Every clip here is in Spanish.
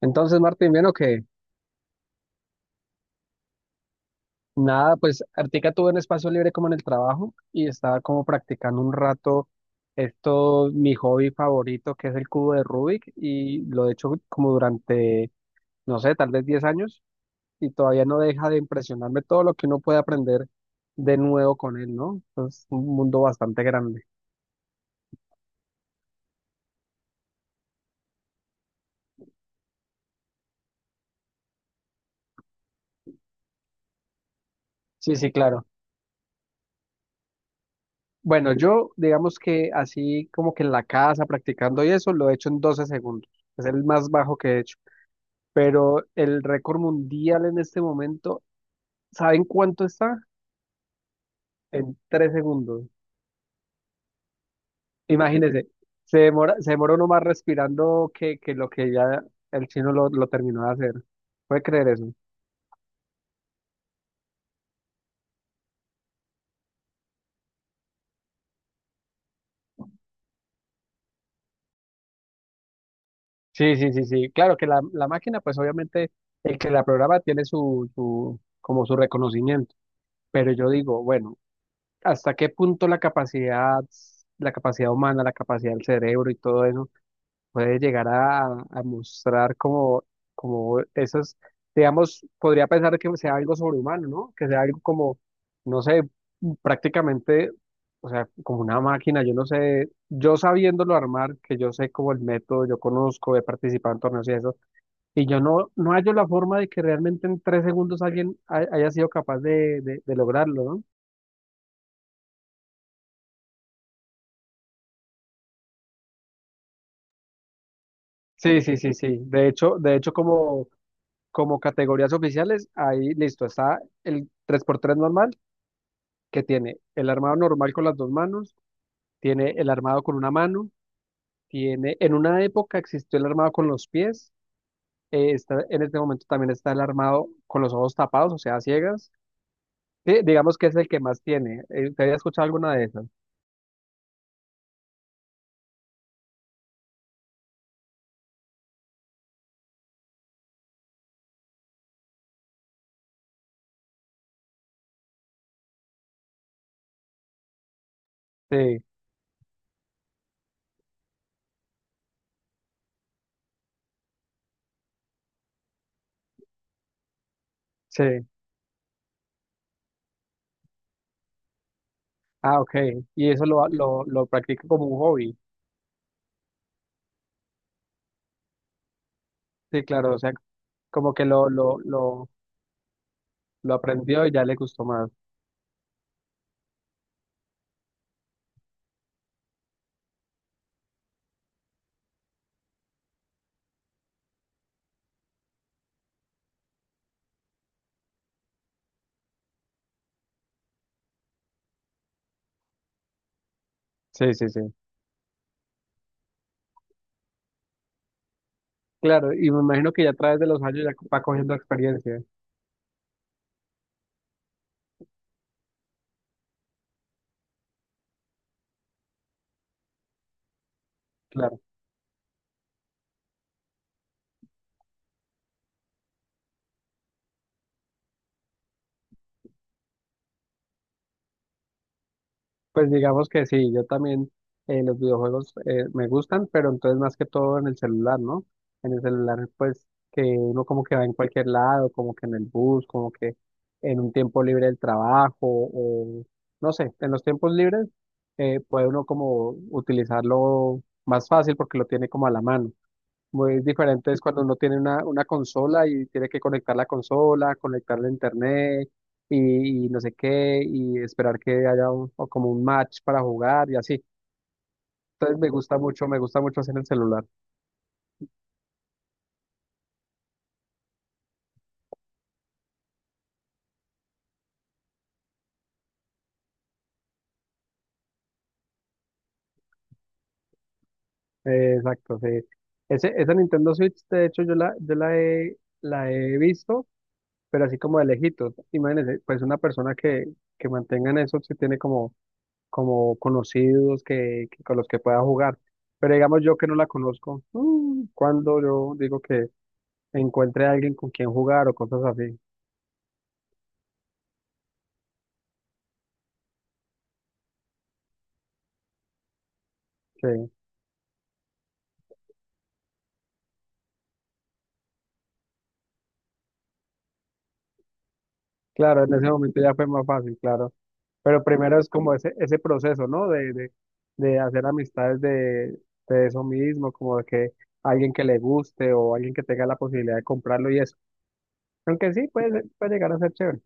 Entonces, Martín, bueno, que nada, pues Artica tuvo un espacio libre como en el trabajo y estaba como practicando un rato esto, mi hobby favorito, que es el cubo de Rubik, y lo he hecho como durante, no sé, tal vez 10 años, y todavía no deja de impresionarme todo lo que uno puede aprender de nuevo con él, ¿no? Es un mundo bastante grande. Sí, sí, claro. Bueno, yo digamos que así como que en la casa practicando y eso, lo he hecho en 12 segundos. Es el más bajo que he hecho. Pero el récord mundial en este momento, ¿saben cuánto está? En 3 segundos. Imagínense, se demora uno más respirando que, lo que ya el chino lo terminó de hacer. ¿Puede creer eso? Sí, sí, sí, sí. Claro que la máquina, pues obviamente el que la programa tiene su, como su reconocimiento. Pero yo digo, bueno, ¿hasta qué punto la capacidad humana, la capacidad del cerebro y todo eso? Puede llegar a, mostrar como esas, digamos, podría pensar que sea algo sobrehumano, ¿no? Que sea algo como, no sé, prácticamente, o sea, como una máquina, yo no sé, yo sabiéndolo armar, que yo sé como el método, yo conozco, he participado en torneos y eso, y yo no, hallo la forma de que realmente en 3 segundos alguien haya sido capaz de lograrlo, ¿no? Sí, sí, sí, sí. De hecho como categorías oficiales, ahí listo, está el tres por tres normal, que tiene el armado normal con las dos manos, tiene el armado con una mano, tiene, en una época existió el armado con los pies, está, en este momento también está el armado con los ojos tapados, o sea, a ciegas. Sí, digamos que es el que más tiene. ¿Te había escuchado alguna de esas? Sí, sí. Ah, ok. Y eso lo practica como un hobby. Sí, claro, o sea, como que lo aprendió y ya le gustó más. Sí, sí, sí. Claro, y me imagino que ya a través de los años ya va cogiendo experiencia. Claro. Pues digamos que sí, yo también los videojuegos me gustan, pero entonces más que todo en el celular, ¿no? En el celular, pues que uno como que va en cualquier lado, como que en el bus, como que en un tiempo libre del trabajo, o no sé, en los tiempos libres puede uno como utilizarlo más fácil porque lo tiene como a la mano. Muy diferente es cuando uno tiene una consola y tiene que conectar la consola, conectar la internet y no sé qué, y esperar que haya o como un match para jugar y así. Entonces me gusta mucho hacer el celular. Exacto, sí. Esa Nintendo Switch, de hecho, yo la he visto, pero así como de lejitos. Imagínense, pues una persona que, mantenga en eso, si tiene como conocidos con los que pueda jugar. Pero digamos yo que no la conozco, cuando yo digo que encuentre a alguien con quien jugar o cosas así, que claro, en ese momento ya fue más fácil, claro. Pero primero es como ese proceso, ¿no? De hacer amistades de eso mismo, como de que alguien que le guste o alguien que tenga la posibilidad de comprarlo y eso. Aunque sí, puede llegar a ser chévere.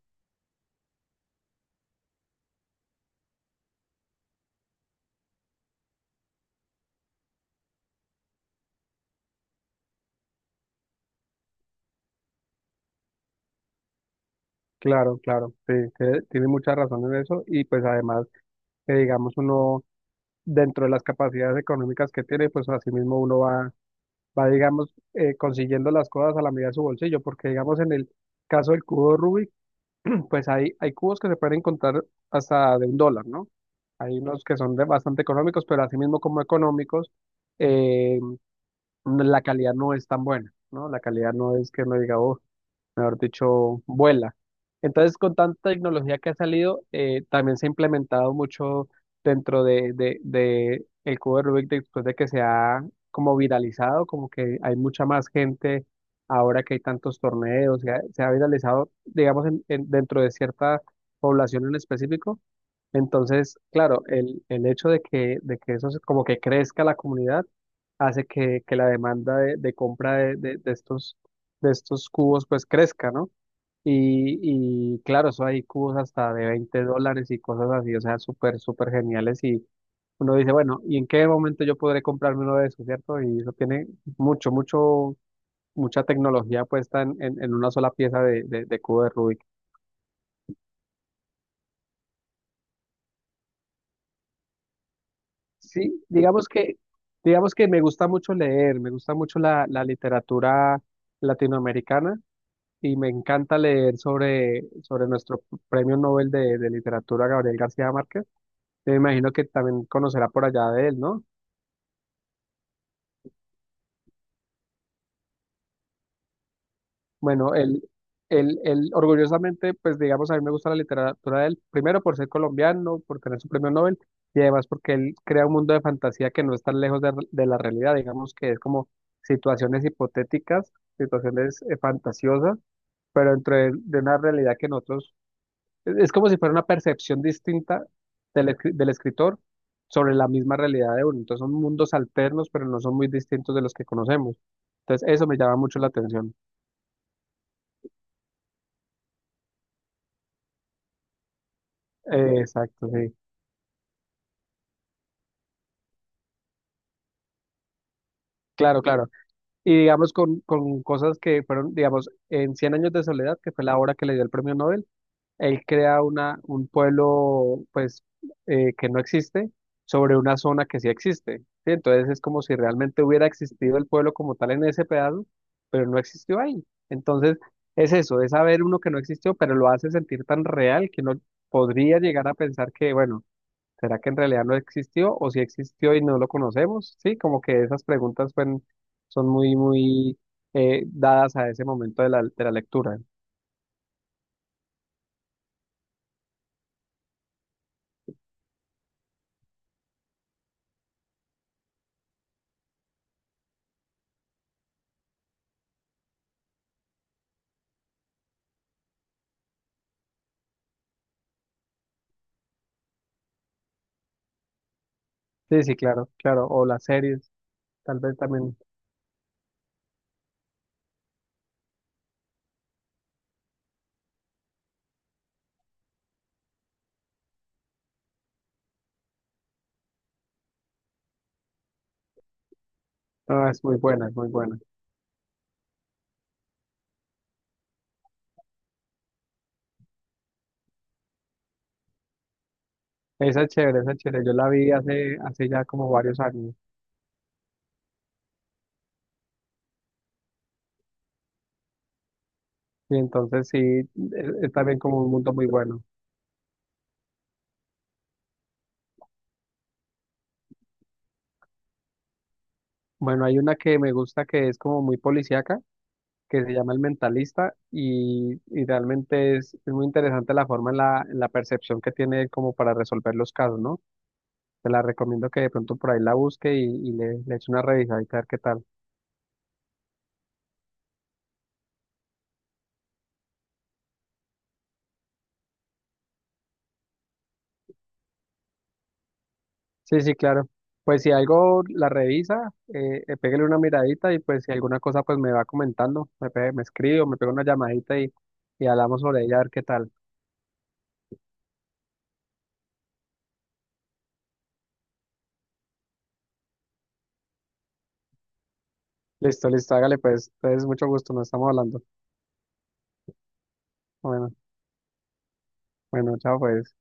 Claro, claro, sí, tiene mucha razón en eso y pues además, que digamos uno dentro de las capacidades económicas que tiene, pues asimismo, uno va digamos, consiguiendo las cosas a la medida de su bolsillo, porque digamos en el caso del cubo Rubik, pues hay cubos que se pueden encontrar hasta de $1, ¿no? Hay unos que son bastante económicos, pero asimismo como económicos, eh, la calidad no es tan buena, ¿no? La calidad no es que uno diga, oh, mejor dicho, vuela. Entonces, con tanta tecnología que ha salido, también se ha implementado mucho dentro de el cubo de Rubik después de que se ha como viralizado, como que hay mucha más gente ahora que hay tantos torneos, se ha viralizado, digamos, dentro de cierta población en específico. Entonces, claro, el hecho de que eso como que crezca la comunidad hace que la demanda de compra de estos cubos pues crezca, ¿no? Y, y claro, eso hay cubos hasta de $20 y cosas así, o sea, súper, súper geniales y uno dice, bueno, ¿y en qué momento yo podré comprarme uno de esos, cierto? Y eso tiene mucho, mucho, mucha tecnología puesta en una sola pieza de cubo de Rubik. Sí, digamos que me gusta mucho leer, me gusta mucho la literatura latinoamericana y me encanta leer sobre nuestro premio Nobel de literatura Gabriel García Márquez. Me imagino que también conocerá por allá de él, ¿no? Bueno, él, él, orgullosamente, pues digamos, a mí me gusta la literatura de él, primero por ser colombiano, por tener su premio Nobel, y además porque él crea un mundo de fantasía que no es tan lejos de la realidad, digamos que es como situaciones hipotéticas, situaciones fantasiosas, pero dentro de una realidad que nosotros, es como si fuera una percepción distinta del escritor sobre la misma realidad de uno, entonces son mundos alternos, pero no son muy distintos de los que conocemos, entonces eso me llama mucho la atención. Exacto, sí. Claro, claro. Y digamos con cosas que fueron, digamos, en Cien años de soledad, que fue la obra que le dio el premio Nobel, él crea un pueblo, pues, que no existe sobre una zona que sí existe, ¿sí? Entonces es como si realmente hubiera existido el pueblo como tal en ese pedazo, pero no existió ahí. Entonces es eso, es saber uno que no existió, pero lo hace sentir tan real que uno podría llegar a pensar que, bueno, ¿será que en realidad no existió o si existió y no lo conocemos? Sí, como que esas preguntas son muy, muy dadas a ese momento de la lectura. Sí, sí, claro, claro. O las series, tal vez también. No, es muy buena, es muy buena. Esa es chévere, esa es chévere. Yo la vi hace ya como varios años. Y entonces sí, es, también como un mundo muy bueno. Bueno, hay una que me gusta que es como muy policíaca que se llama El Mentalista y realmente es, muy interesante la forma en la percepción que tiene él como para resolver los casos, ¿no? Te la recomiendo que de pronto por ahí la busque y le eche una revisadita a ver qué tal. Sí, sí, claro. Pues si algo la revisa, pégale una miradita y pues si alguna cosa pues me va comentando, me escribe o me pega una llamadita y hablamos sobre ella a ver qué tal. Listo, listo, hágale pues. Entonces, mucho gusto, nos estamos hablando. Bueno, bueno, chao pues.